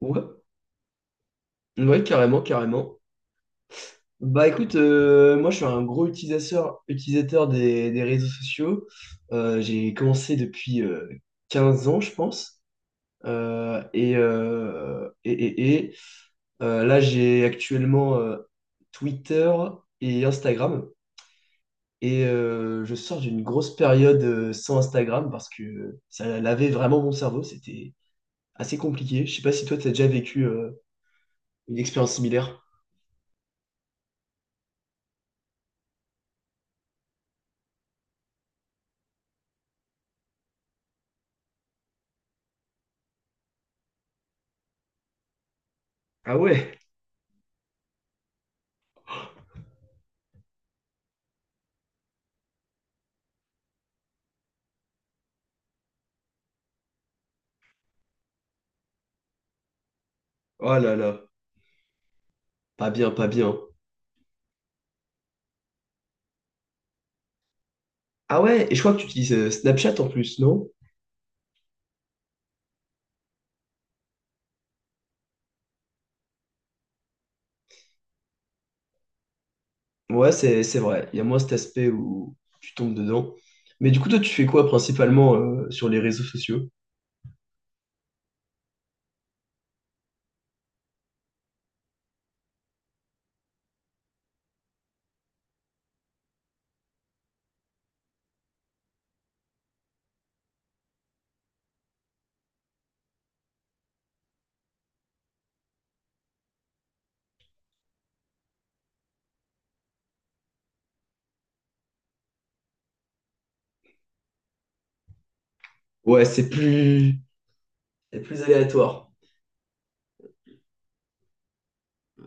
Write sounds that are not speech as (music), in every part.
Ouais, ouais, carrément, carrément. Bah écoute, moi je suis un gros utilisateur des réseaux sociaux. J'ai commencé depuis 15 ans, je pense. Euh, et, euh, et, et, et, Là j'ai actuellement Twitter et Instagram. Et je sors d'une grosse période sans Instagram parce que ça lavait vraiment mon cerveau. C'était assez compliqué. Je sais pas si toi t'as déjà vécu une expérience similaire. Ah ouais? Oh là là. Pas bien, pas bien. Ah ouais, et je crois que tu utilises Snapchat en plus, non? Ouais, c'est vrai. Il y a moins cet aspect où tu tombes dedans. Mais du coup, toi, tu fais quoi principalement sur les réseaux sociaux? Ouais, c'est plus aléatoire.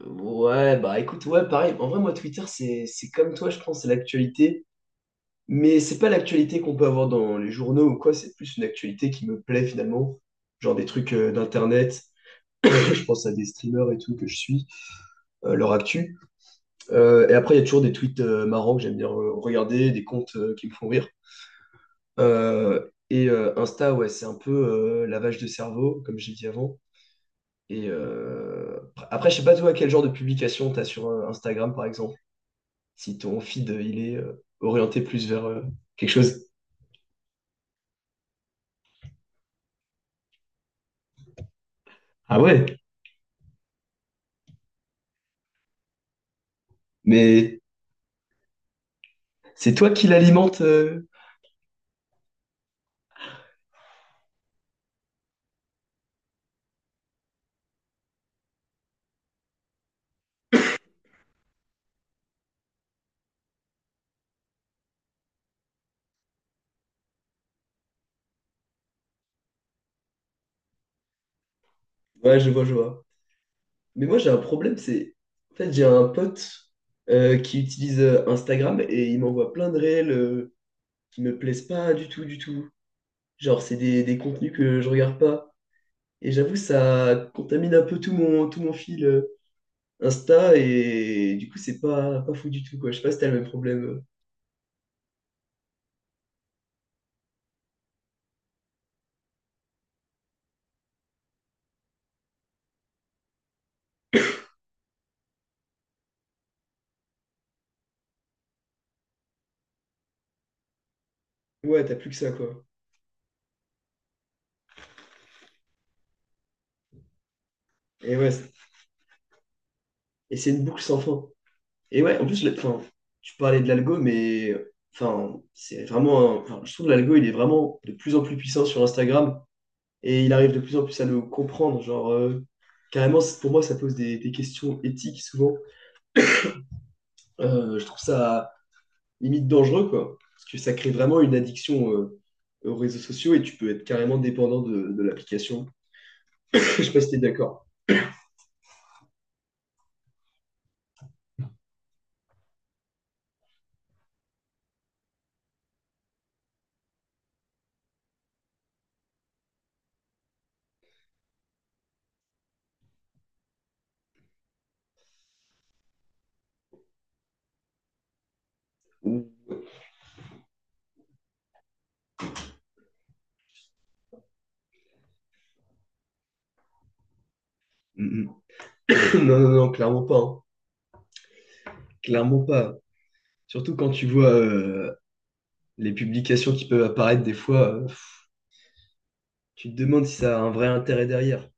Ouais, bah écoute, ouais, pareil. En vrai, moi, Twitter, c'est comme toi, je pense, c'est l'actualité. Mais c'est pas l'actualité qu'on peut avoir dans les journaux ou quoi, c'est plus une actualité qui me plaît finalement, genre des trucs d'internet, (laughs) je pense à des streamers et tout que je suis, leur actu. Et après, il y a toujours des tweets marrants que j'aime bien regarder, des comptes qui me font rire. Insta, ouais, c'est un peu lavage de cerveau, comme j'ai dit avant. Et euh, Après, je sais pas toi quel genre de publication t'as sur Instagram, par exemple, si ton feed il est orienté plus vers quelque chose. Ah ouais? Mais C'est toi qui l'alimente. Ouais, je vois, je vois. Mais moi, j'ai un problème, c'est... En fait, j'ai un pote qui utilise Instagram et il m'envoie plein de réels qui me plaisent pas du tout, du tout. Genre, c'est des contenus que je regarde pas. Et j'avoue, ça contamine un peu tout mon fil Insta et du coup, c'est pas fou du tout, quoi. Je sais pas si t'as le même problème. Ouais, t'as plus que ça, quoi. Et ouais, c'est- et c'est une boucle sans fin. Et ouais, en plus, tu parlais de l'algo, mais enfin, enfin, je trouve que l'algo, il est vraiment de plus en plus puissant sur Instagram et il arrive de plus en plus à nous comprendre. Genre, pour moi, ça pose des questions éthiques souvent. Je trouve ça limite dangereux, quoi. Parce que ça crée vraiment une addiction aux réseaux sociaux et tu peux être carrément dépendant de l'application. (laughs) Je sais pas si t'es d'accord. Ouh. Mm, mm. (coughs) (clears throat) Non, non, non, clairement pas, hein. Clairement pas. Surtout quand tu vois, les publications qui peuvent apparaître des fois, tu te demandes si ça a un vrai intérêt derrière.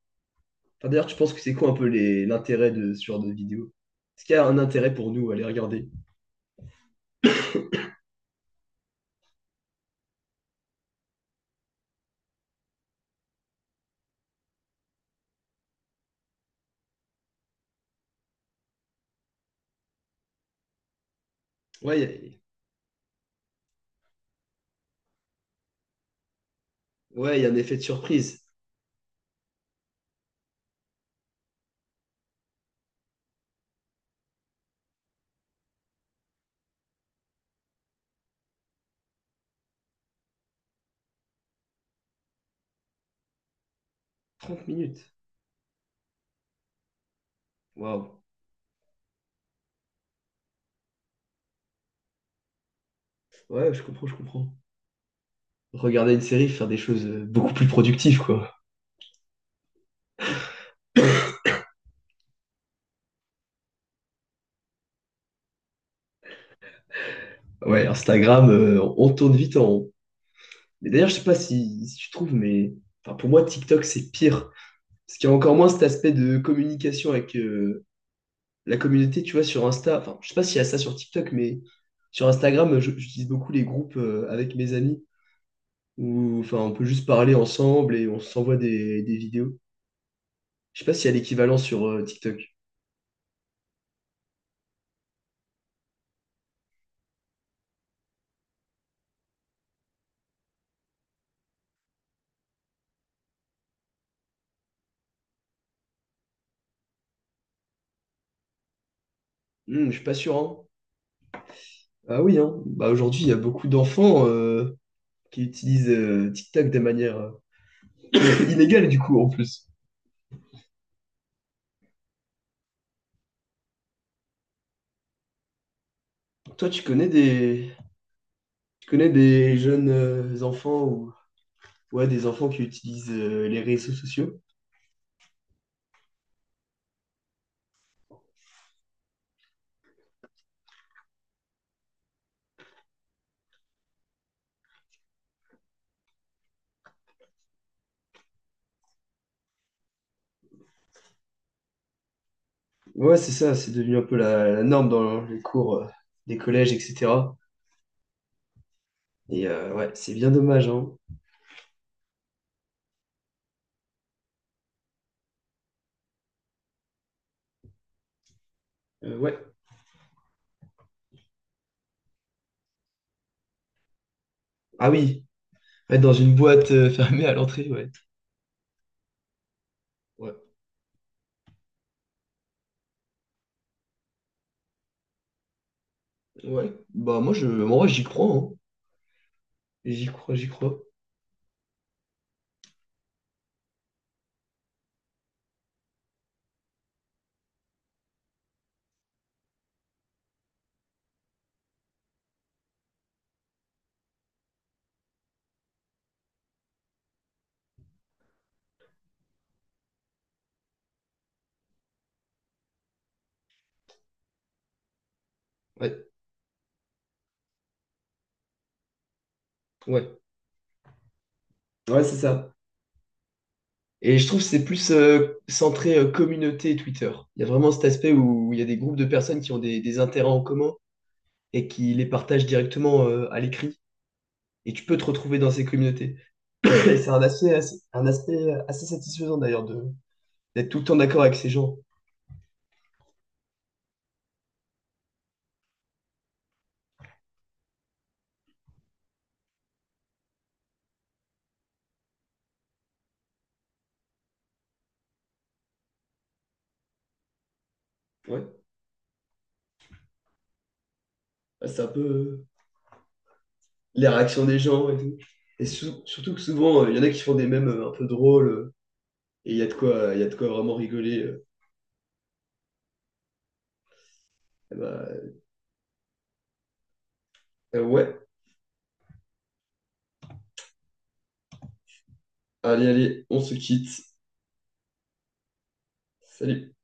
Enfin, d'ailleurs, tu penses que c'est quoi un peu l'intérêt de ce genre de vidéo? Est-ce qu'il y a un intérêt pour nous à les regarder? Ouais, il y a, ouais, il y a un effet de surprise. Trente minutes. Waouh. Ouais, je comprends, je comprends. Regarder une série, faire des choses beaucoup plus productives, quoi. Ouais, Instagram, on tourne vite en rond. Mais d'ailleurs, je sais pas si, si tu trouves, mais enfin, pour moi, TikTok, c'est pire. Parce qu'il y a encore moins cet aspect de communication avec, la communauté, tu vois, sur Insta, enfin, je sais pas s'il y a ça sur TikTok, mais sur Instagram, j'utilise beaucoup les groupes avec mes amis où, enfin, on peut juste parler ensemble et on s'envoie des vidéos. Je sais pas s'il y a l'équivalent sur TikTok. Hmm, je suis pas sûr, hein. Ah oui, hein. Bah, aujourd'hui, il y a beaucoup d'enfants qui utilisent TikTok de manière (coughs) inégale, du coup, en plus. Toi, tu connais des jeunes enfants ou ouais, des enfants qui utilisent les réseaux sociaux? Ouais, c'est ça, c'est devenu un peu la norme dans les cours des collèges, etc. Et ouais, c'est bien dommage, hein. Ouais. Ah oui, être dans une boîte fermée à l'entrée, ouais. Ouais. Ouais. Bah moi je moi j'y crois, hein. J'y crois, j'y crois. Ouais. Ouais. Ouais, c'est ça. Et je trouve que c'est plus centré communauté et Twitter. Il y a vraiment cet aspect où il y a des groupes de personnes qui ont des intérêts en commun et qui les partagent directement à l'écrit. Et tu peux te retrouver dans ces communautés. Et c'est un aspect assez satisfaisant d'ailleurs de d'être tout le temps d'accord avec ces gens. Ouais. Bah, c'est un peu les réactions des gens et tout. Et surtout que souvent, il y en a qui font des mèmes un peu drôles, et il y a de quoi, il y a de quoi vraiment rigoler. Eh ben, ouais, allez, allez, on se quitte. Salut.